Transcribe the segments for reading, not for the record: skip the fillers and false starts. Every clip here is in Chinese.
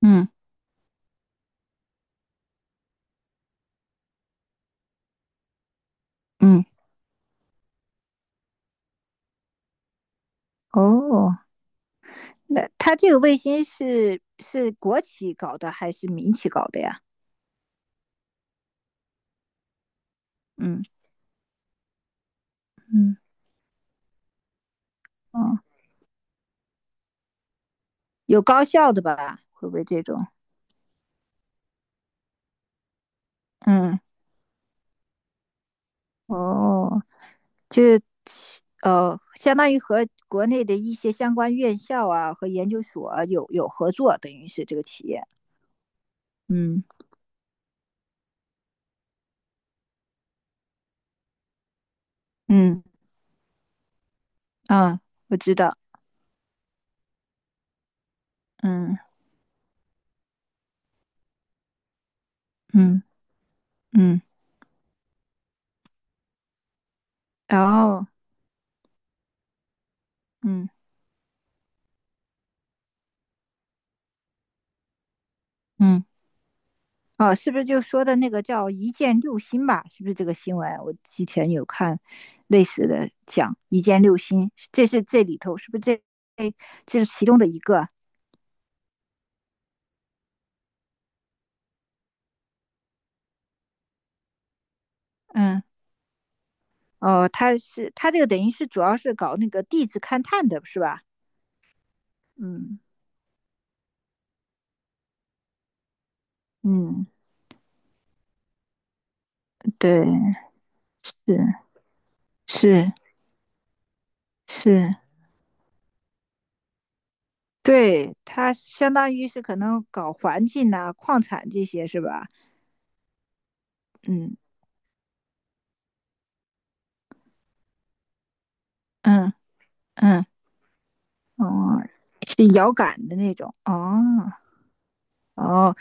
嗯嗯，哦，那它这个卫星是国企搞的还是民企搞的呀？嗯嗯，哦，有高校的吧？会不会这种？嗯，哦，就是，相当于和国内的一些相关院校啊和研究所啊有合作，等于是这个企业。嗯嗯啊，我知道。嗯，嗯嗯然后嗯。嗯。哦，是不是就说的那个叫"一箭六星"吧？是不是这个新闻？我之前有看类似的讲"一箭六星"，这是这里头是不是这哎这是其中的一个？嗯，哦，他这个等于是主要是搞那个地质勘探的，是吧？嗯嗯，对，是是是，对，他相当于是可能搞环境呐、矿产这些是吧？嗯嗯嗯，哦，是遥感的那种哦。哦，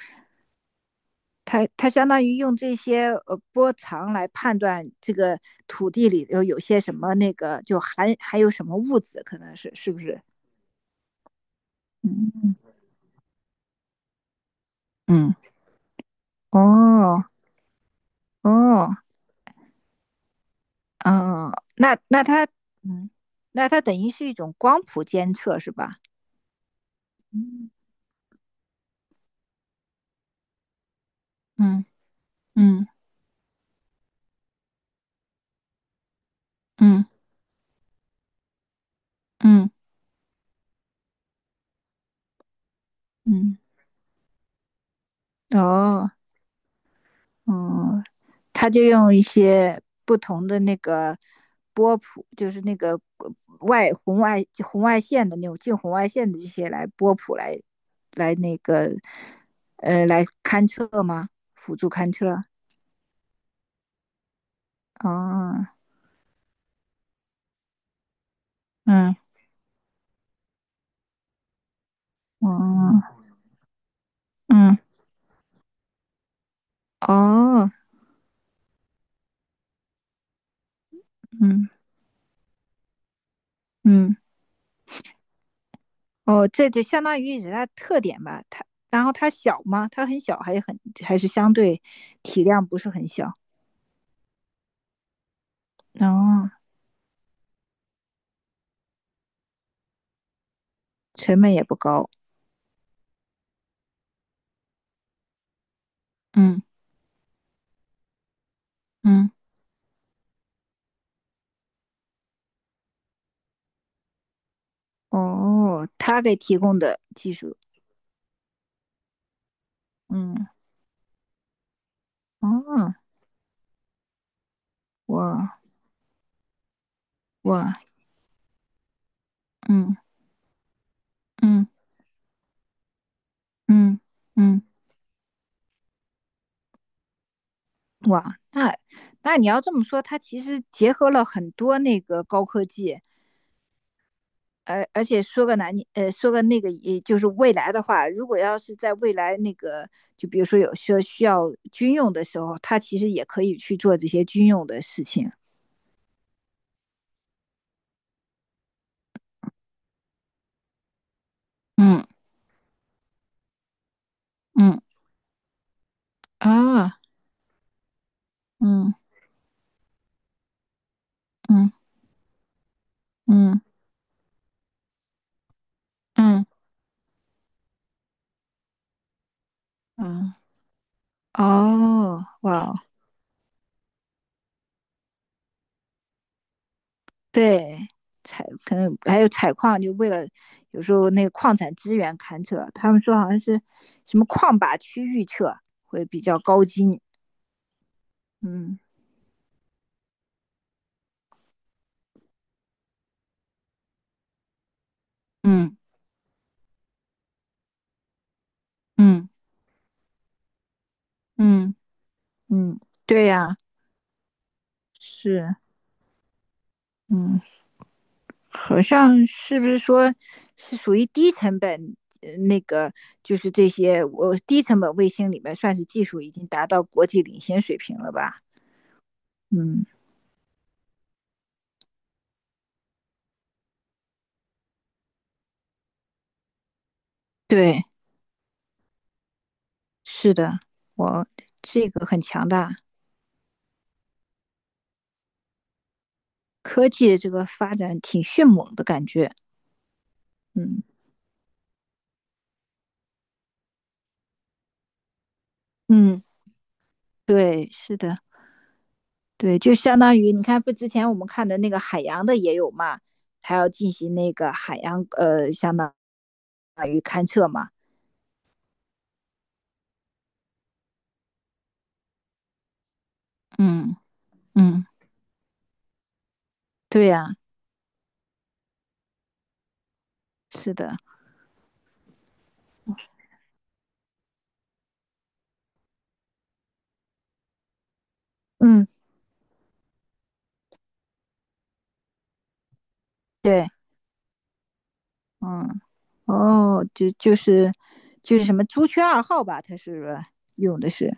它相当于用这些波长来判断这个土地里头有些什么那个，就含还有什么物质，可能是是不是？嗯嗯，哦哦，嗯，那那它嗯，那它等于是一种光谱监测是吧？嗯嗯嗯嗯嗯嗯，哦，哦，他就用一些不同的那个波谱，就是那个外红外红外线的那种近红外线的这些来波谱来那个来勘测吗？辅助勘测？哦，嗯，哦，嗯，哦，嗯嗯，哦，这就相当于是它特点吧，它。然后它小吗？它很小，还是相对体量不是很小，哦，成本也不高，嗯嗯。哦，他给提供的技术，嗯，哦，哇哇，嗯嗯嗯嗯，哇，那你要这么说，它其实结合了很多那个高科技，而且说个那个，也就是未来的话，如果要是在未来那个，就比如说有需要军用的时候，它其实也可以去做这些军用的事情。嗯嗯啊，嗯嗯嗯嗯嗯，哦，哇对，可能还有采矿，就为了有时候那个矿产资源勘测，他们说好像是什么矿靶区域测会比较高精。嗯嗯嗯嗯嗯，对呀、是，嗯，好像是不是说是属于低成本？那个就是这些，我低成本卫星里面算是技术已经达到国际领先水平了吧？嗯，对，是的，我这个很强大。科技这个发展挺迅猛的感觉。嗯嗯，对，是的，对，就相当于你看，不之前我们看的那个海洋的也有嘛，还要进行那个海洋，相当于勘测嘛。嗯嗯，对呀、是的，嗯，对，嗯，哦，就是什么朱雀二号吧，它是用的是，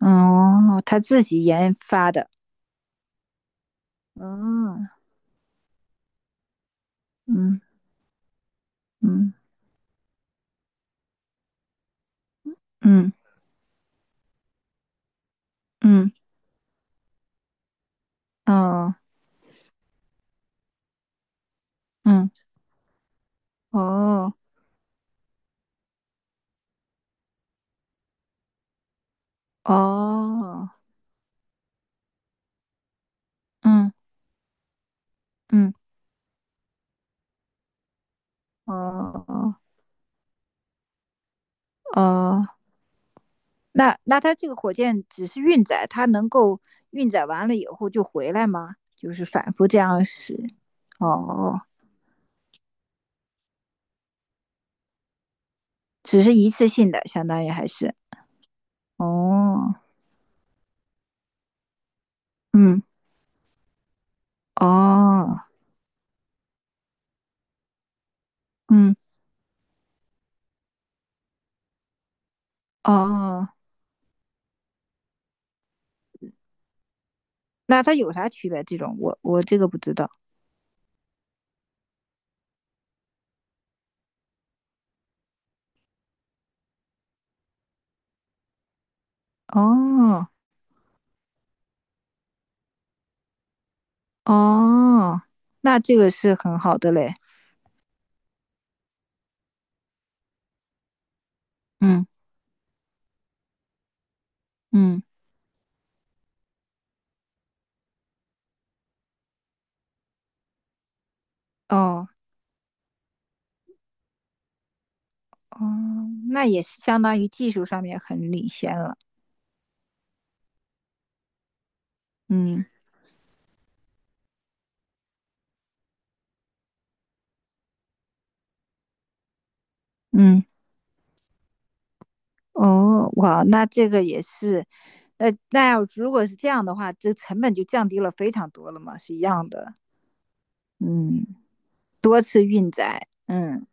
哦，他自己研发的，哦，嗯嗯嗯嗯嗯，哦嗯。哦哦，嗯嗯哦哦，那它这个火箭只是运载，它能够运载完了以后就回来吗？就是反复这样使。哦，只是一次性的，相当于还是。哦，嗯哦嗯哦，那它有啥区别？这种我这个不知道。哦哦，那这个是很好的嘞。嗯嗯哦。哦，那也是相当于技术上面很领先了。嗯嗯，哦，哇，那这个也是，那要如果是这样的话，这成本就降低了非常多了嘛，是一样的。嗯，多次运载，嗯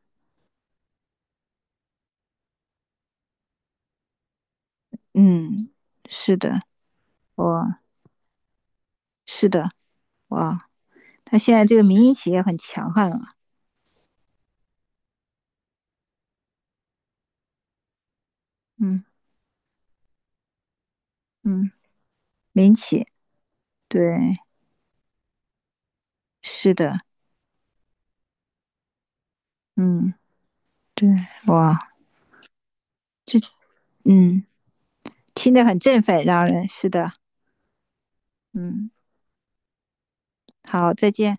嗯，是的，哇，是的，哇，那现在这个民营企业很强悍了。嗯嗯，民企，对，是的，嗯对，哇，嗯，听着很振奋，让人是的，嗯。好，再见。